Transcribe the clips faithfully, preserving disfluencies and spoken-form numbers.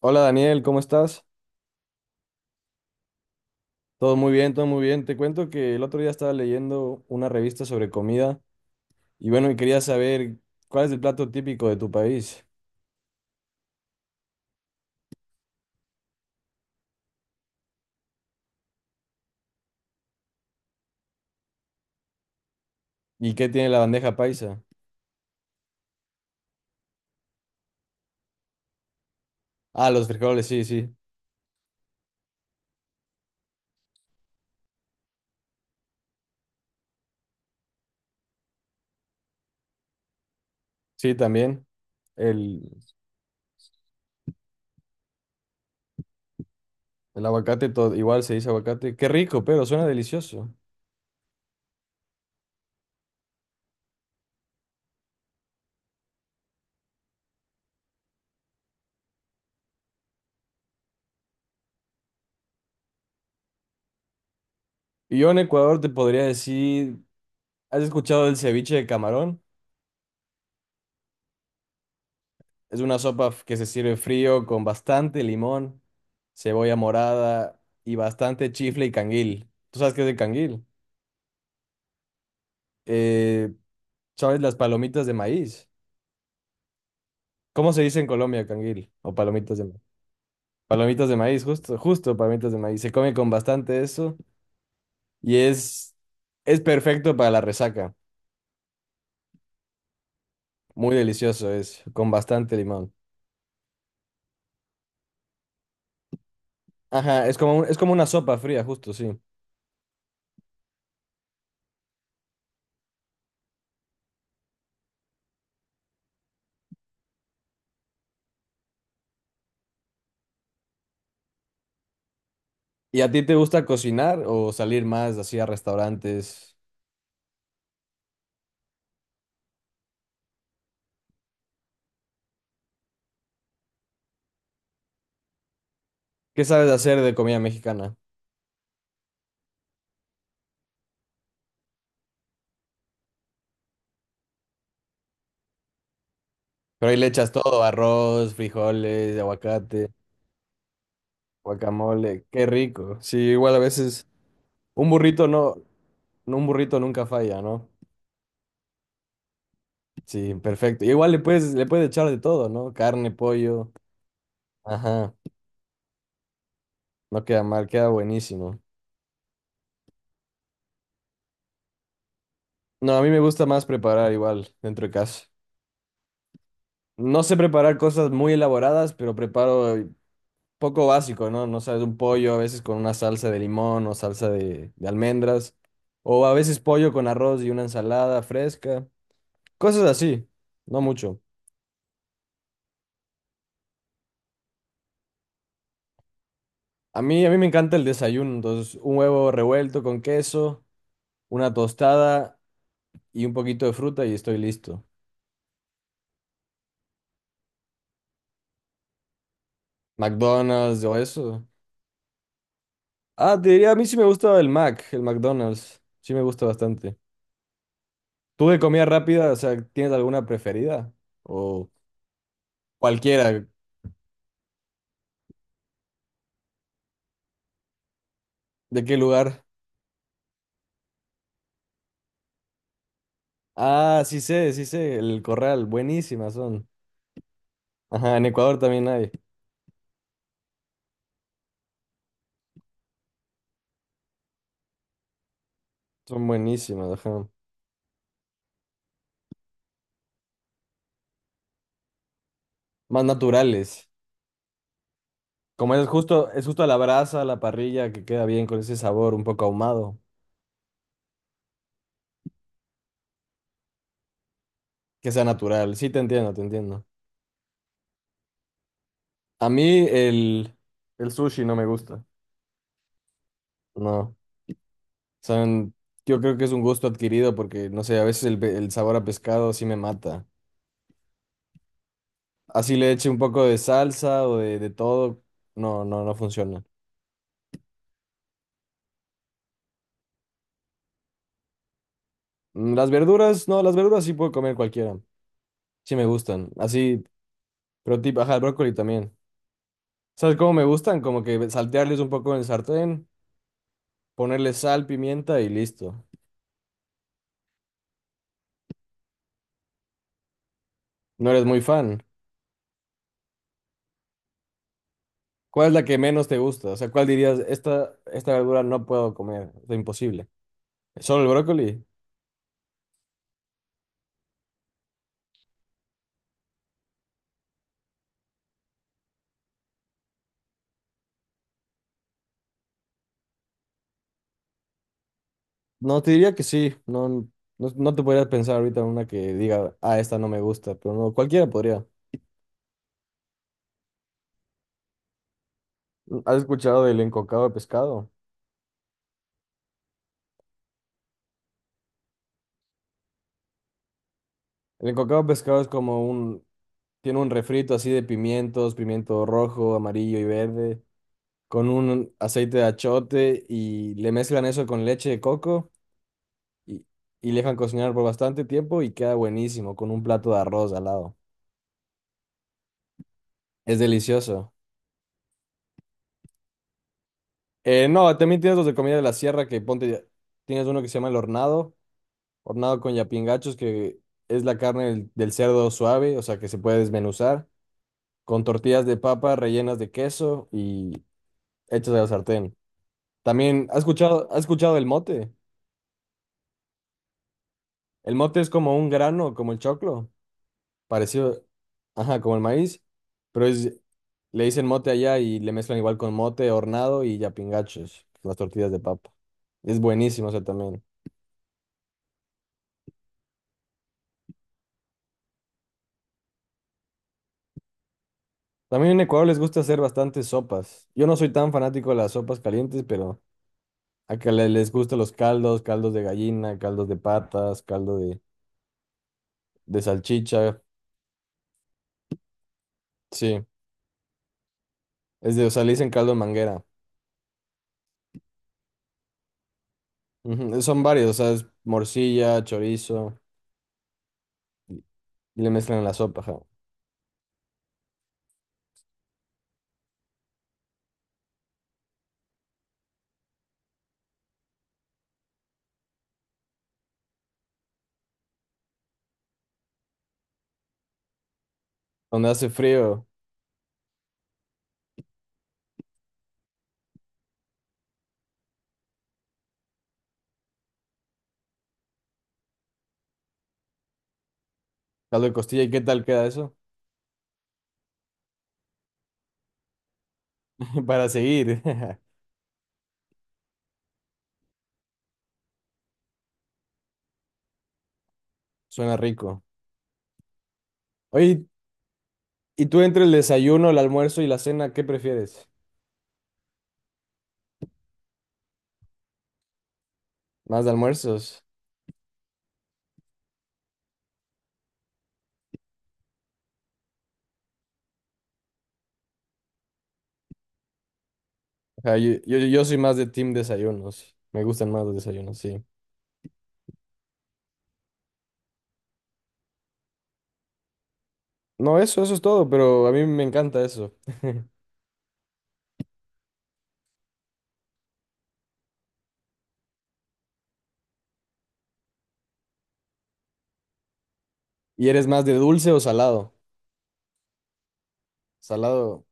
Hola Daniel, ¿cómo estás? Todo muy bien, todo muy bien. Te cuento que el otro día estaba leyendo una revista sobre comida y bueno, y quería saber cuál es el plato típico de tu país y qué tiene la bandeja paisa. Ah, los frijoles, sí, sí. Sí, también. El, el aguacate, to- igual se dice aguacate. Qué rico, pero suena delicioso. Y yo en Ecuador te podría decir, ¿has escuchado del ceviche de camarón? Es una sopa f- que se sirve frío con bastante limón, cebolla morada y bastante chifle y canguil. ¿Tú sabes qué es el canguil? Eh, ¿Sabes las palomitas de maíz? ¿Cómo se dice en Colombia canguil? O palomitas de maíz. Palomitas de maíz, justo, justo palomitas de maíz. Se come con bastante eso y es, es perfecto para la resaca. Muy delicioso es, con bastante limón. Ajá, es como, un- es como una sopa fría, justo, sí. ¿Y a ti te gusta cocinar o salir más así a restaurantes? ¿Qué sabes hacer de comida mexicana? Pero ahí le echas todo, arroz, frijoles, aguacate, guacamole, qué rico. Sí, igual a veces un burrito no, no, un burrito nunca falla, ¿no? Sí, perfecto. Y igual le puedes, le puedes echar de todo, ¿no? Carne, pollo, ajá, no queda mal, queda buenísimo. No, a mí me gusta más preparar igual dentro de casa. No sé preparar cosas muy elaboradas, pero preparo poco básico, ¿no? No sabes, un pollo a veces con una salsa de limón o salsa de, de almendras, o a veces pollo con arroz y una ensalada fresca, cosas así, no mucho. A mí, a mí me encanta el desayuno, entonces un huevo revuelto con queso, una tostada y un poquito de fruta y estoy listo. McDonald's o eso. Ah, te diría, a mí sí me gusta el Mac, el McDonald's, sí me gusta bastante. ¿Tú de comida rápida, o sea, tienes alguna preferida? O cualquiera, ¿de qué lugar? Ah, sí sé, sí sé, el corral, buenísimas son. Ajá, en Ecuador también hay. Son buenísimas, ajá. Más naturales. Como es justo, es justo a la brasa, a la parrilla, que queda bien con ese sabor un poco ahumado, que sea natural. Sí, te entiendo, te entiendo. A mí el, el sushi no me gusta. No. Son, yo creo que es un gusto adquirido porque, no sé, a veces el, pe- el sabor a pescado sí me mata. Así le eche un poco de salsa o de, de todo, no, no, no funciona. Mm, las verduras, no, las verduras sí puedo comer cualquiera. Sí me gustan. Así, pero tipo, ajá, el brócoli también. ¿Sabes cómo me gustan? Como que saltearles un poco en el sartén, ponerle sal, pimienta y listo. No eres muy fan. ¿Cuál es la que menos te gusta? O sea, ¿cuál dirías, esta, esta verdura no puedo comer? Es imposible. ¿Solo el brócoli? No, te diría que sí. No, no, no te podrías pensar ahorita en una que diga, ah, esta no me gusta, pero no, cualquiera podría. ¿Has escuchado del encocado de pescado? El cocado pescado es como un, tiene un refrito así de pimientos, pimiento rojo, amarillo y verde, con un aceite de achote y le mezclan eso con leche de coco y, y le dejan cocinar por bastante tiempo y queda buenísimo con un plato de arroz al lado. Es delicioso. Eh, no, también tienes los de comida de la sierra que ponte, tienes uno que se llama el hornado, hornado con yapingachos que es la carne del, del cerdo suave, o sea que se puede desmenuzar, con tortillas de papa rellenas de queso y hechos de la sartén. También, ¿has escuchado, ¿has escuchado el mote? El mote es como un grano, como el choclo, parecido, ajá, como el maíz, pero es, le dicen mote allá y le mezclan igual con mote, hornado y yapingachos, las tortillas de papa. Es buenísimo, o sea, también. También en Ecuador les gusta hacer bastantes sopas. Yo no soy tan fanático de las sopas calientes, pero acá le- les gustan los caldos, caldos de gallina, caldos de patas, caldo de, de salchicha, sí. Es de, o sea, le dicen caldo de manguera. Ujú, son varios, o sea, es morcilla, chorizo, y y le mezclan en la sopa, ajá. Donde hace frío, caldo de costilla, ¿y qué tal queda eso? Para seguir, suena rico. Oye, ¿y tú entre el desayuno, el almuerzo y la cena, qué prefieres? ¿Más de almuerzos? Ajá, yo, yo, yo soy más de team desayunos, me gustan más los desayunos, sí. No, eso, eso es todo, pero a mí me encanta eso. ¿Y eres más de dulce o salado? Salado.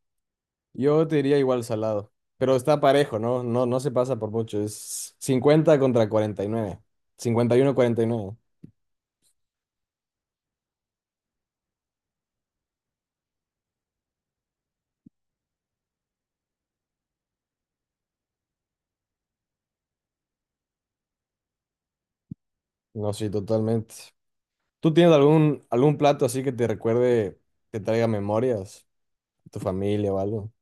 Yo te diría igual salado, pero está parejo, ¿no? No, no se pasa por mucho, es cincuenta contra cuarenta y y nueve, cincuenta y uno cuarenta y nueve. No, sí, totalmente. ¿Tú tienes algún, algún plato así que te recuerde, que traiga memorias, tu familia o algo?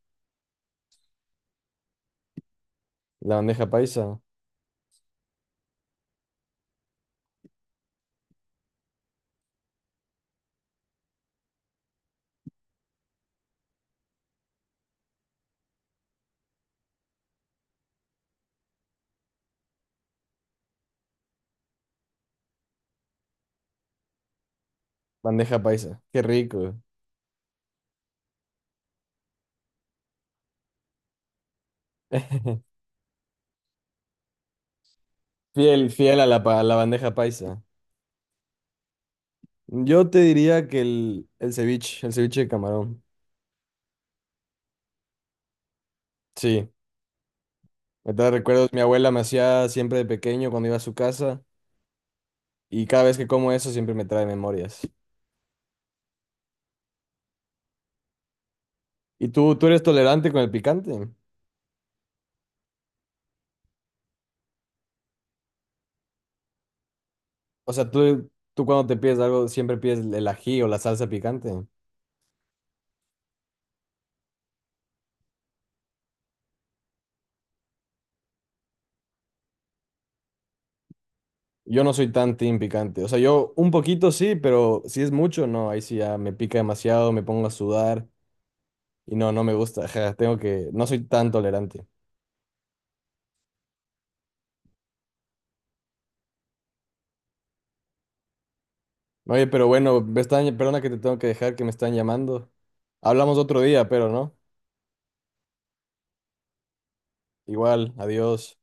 La bandeja paisa, bandeja paisa, qué rico. Fiel, fiel a la, pa- a la bandeja paisa. Yo te diría que el, el ceviche, el ceviche de camarón. Sí, me trae recuerdos, mi abuela me hacía siempre de pequeño cuando iba a su casa. Y cada vez que como eso siempre me trae memorias. ¿Y tú, tú eres tolerante con el picante? O sea, tú, tú cuando te pides algo siempre pides el ají o la salsa picante. Yo no soy tan team picante. O sea, yo un poquito sí, pero si es mucho, no. Ahí sí ya me pica demasiado, me pongo a sudar y no, no me gusta. Ajá, tengo que, no soy tan tolerante. Oye, pero bueno, me están, perdona que te tengo que dejar, que me están llamando. Hablamos otro día, pero no. Igual, adiós.